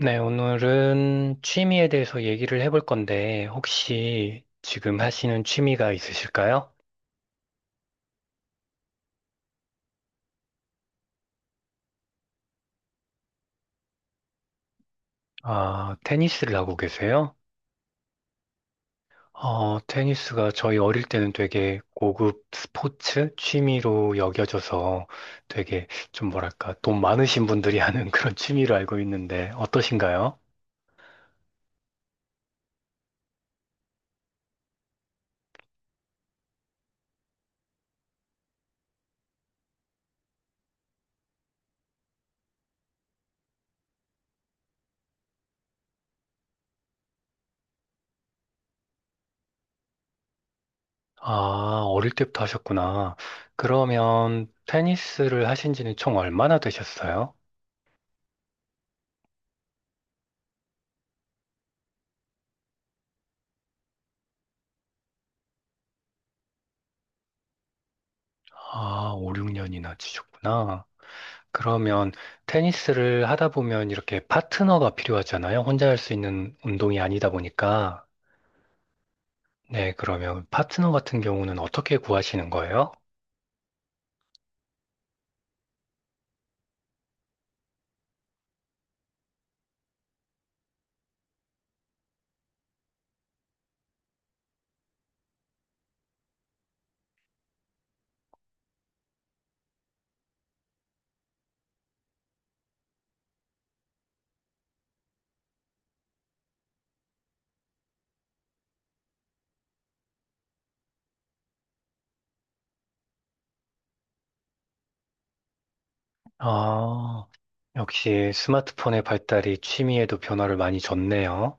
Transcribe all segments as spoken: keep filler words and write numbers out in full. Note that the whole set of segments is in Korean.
네, 오늘은 취미에 대해서 얘기를 해볼 건데, 혹시 지금 하시는 취미가 있으실까요? 아, 테니스를 하고 계세요? 어, 테니스가 저희 어릴 때는 되게 고급 스포츠 취미로 여겨져서 되게 좀 뭐랄까, 돈 많으신 분들이 하는 그런 취미로 알고 있는데, 어떠신가요? 아, 어릴 때부터 하셨구나. 그러면 테니스를 하신 지는 총 얼마나 되셨어요? 아, 오, 육 년이나 치셨구나. 그러면 테니스를 하다 보면 이렇게 파트너가 필요하잖아요. 혼자 할 수 있는 운동이 아니다 보니까. 네, 그러면 파트너 같은 경우는 어떻게 구하시는 거예요? 아, 역시 스마트폰의 발달이 취미에도 변화를 많이 줬네요.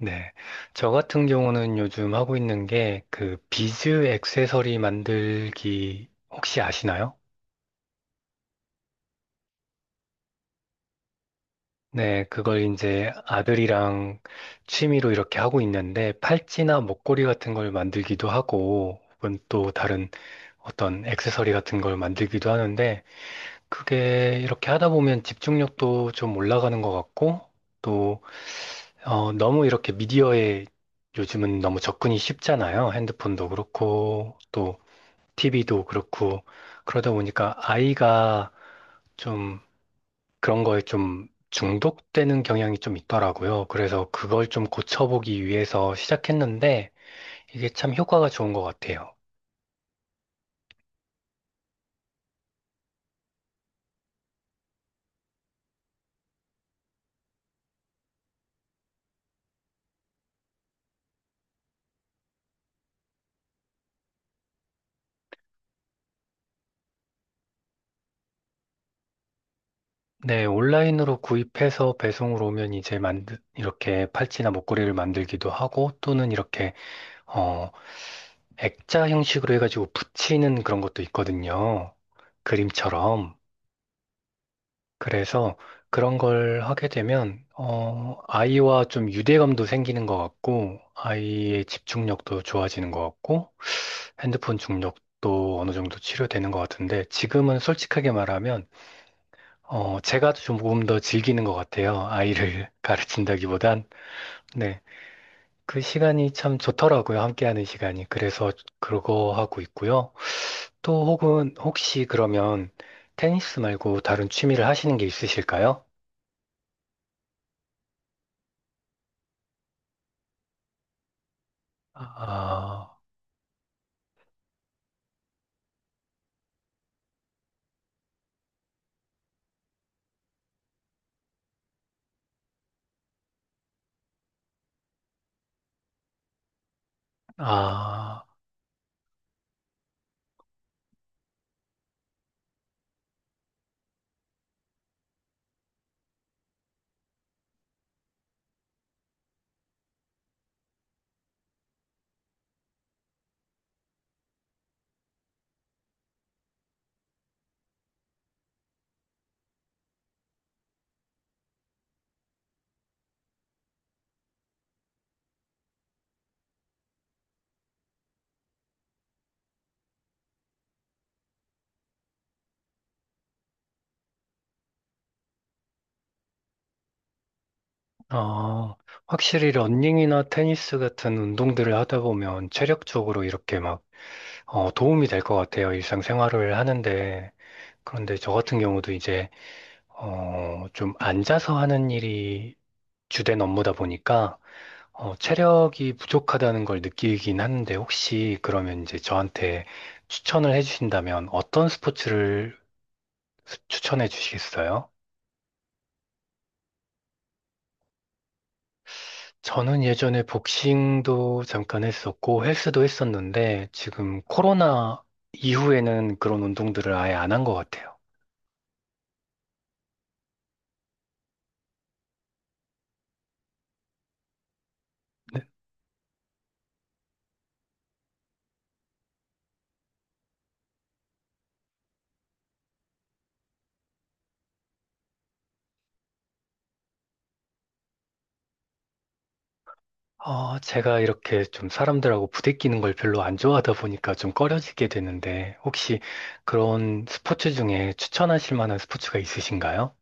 네. 저 같은 경우는 요즘 하고 있는 게 그 비즈 액세서리 만들기 혹시 아시나요? 네, 그걸 이제 아들이랑 취미로 이렇게 하고 있는데 팔찌나 목걸이 같은 걸 만들기도 하고 혹은 또 다른 어떤 액세서리 같은 걸 만들기도 하는데 그게 이렇게 하다 보면 집중력도 좀 올라가는 것 같고 또 어, 너무 이렇게 미디어에 요즘은 너무 접근이 쉽잖아요. 핸드폰도 그렇고 또 티브이도 그렇고 그러다 보니까 아이가 좀 그런 거에 좀 중독되는 경향이 좀 있더라고요. 그래서 그걸 좀 고쳐보기 위해서 시작했는데 이게 참 효과가 좋은 것 같아요. 네, 온라인으로 구입해서 배송으로 오면 이제 만드, 이렇게 팔찌나 목걸이를 만들기도 하고 또는 이렇게, 어, 액자 형식으로 해가지고 붙이는 그런 것도 있거든요. 그림처럼. 그래서 그런 걸 하게 되면, 어, 아이와 좀 유대감도 생기는 것 같고, 아이의 집중력도 좋아지는 것 같고, 핸드폰 중독도 어느 정도 치료되는 것 같은데 지금은 솔직하게 말하면 어 제가 조금 더 즐기는 것 같아요. 아이를 가르친다기보단. 네. 그 시간이 참 좋더라고요. 함께하는 시간이. 그래서 그거 하고 있고요. 또 혹은 혹시 그러면 테니스 말고 다른 취미를 하시는 게 있으실까요? 아, 아, 어, 확실히 러닝이나 테니스 같은 운동들을 하다 보면 체력적으로 이렇게 막 어, 도움이 될 것 같아요. 일상생활을 하는데. 그런데 저 같은 경우도 이제, 어, 좀 앉아서 하는 일이 주된 업무다 보니까, 어, 체력이 부족하다는 걸 느끼긴 하는데, 혹시 그러면 이제 저한테 추천을 해주신다면 어떤 스포츠를 수- 추천해 주시겠어요? 저는 예전에 복싱도 잠깐 했었고, 헬스도 했었는데, 지금 코로나 이후에는 그런 운동들을 아예 안 한 것 같아요. 어, 제가 이렇게 좀 사람들하고 부대끼는 걸 별로 안 좋아하다 보니까 좀 꺼려지게 되는데, 혹시 그런 스포츠 중에 추천하실 만한 스포츠가 있으신가요?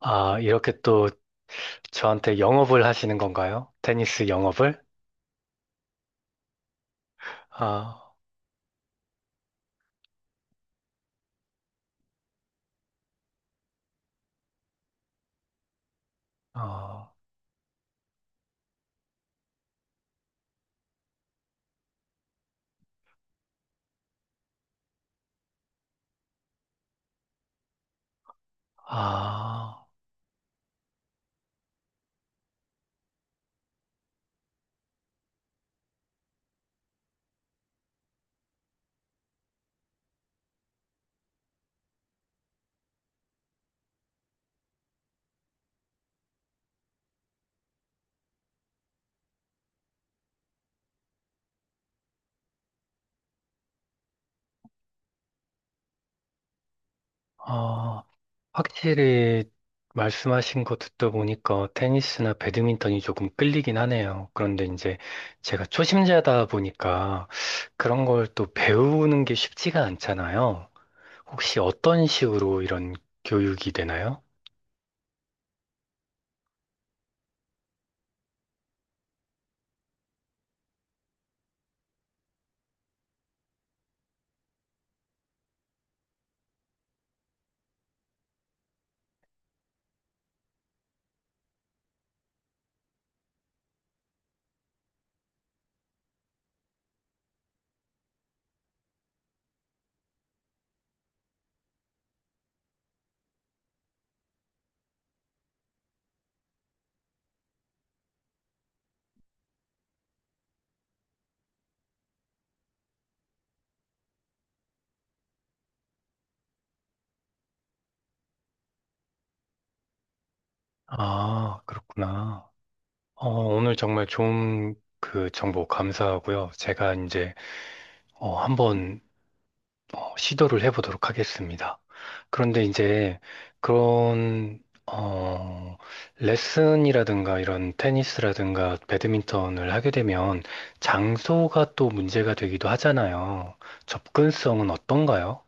아, 이렇게 또 저한테 영업을 하시는 건가요? 테니스 영업을? 아, 어, 아, 어, 확실히 말씀하신 거 듣다 보니까 테니스나 배드민턴이 조금 끌리긴 하네요. 그런데 이제 제가 초심자다 보니까 그런 걸 또 배우는 게 쉽지가 않잖아요. 혹시 어떤 식으로 이런 교육이 되나요? 아, 그렇구나. 어, 오늘 정말 좋은 그 정보 감사하고요. 제가 이제 어, 한번 어, 시도를 해보도록 하겠습니다. 그런데 이제 그런 어, 레슨이라든가 이런 테니스라든가 배드민턴을 하게 되면 장소가 또 문제가 되기도 하잖아요. 접근성은 어떤가요?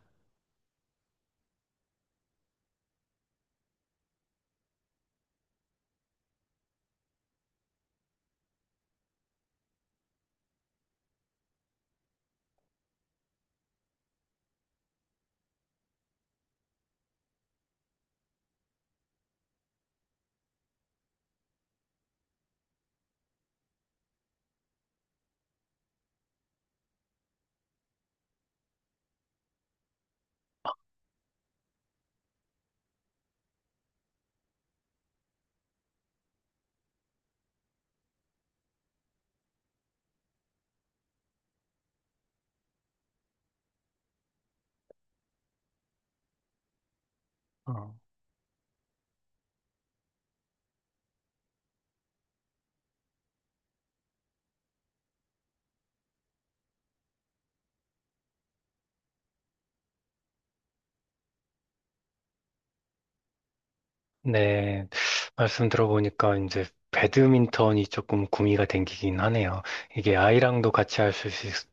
어. 네, 말씀 들어보니까 이제 배드민턴이 조금 구미가 땡기긴 하네요. 이게 아이랑도 같이 할 수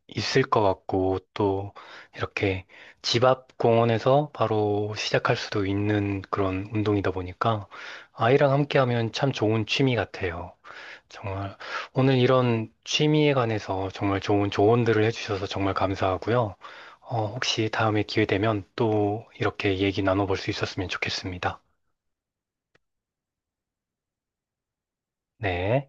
있을 것 같고, 또 이렇게 집 앞 공원에서 바로 시작할 수도 있는 그런 운동이다 보니까 아이랑 함께 하면 참 좋은 취미 같아요. 정말 오늘 이런 취미에 관해서 정말 좋은 조언들을 해주셔서 정말 감사하고요. 어, 혹시 다음에 기회 되면 또 이렇게 얘기 나눠볼 수 있었으면 좋겠습니다. 네.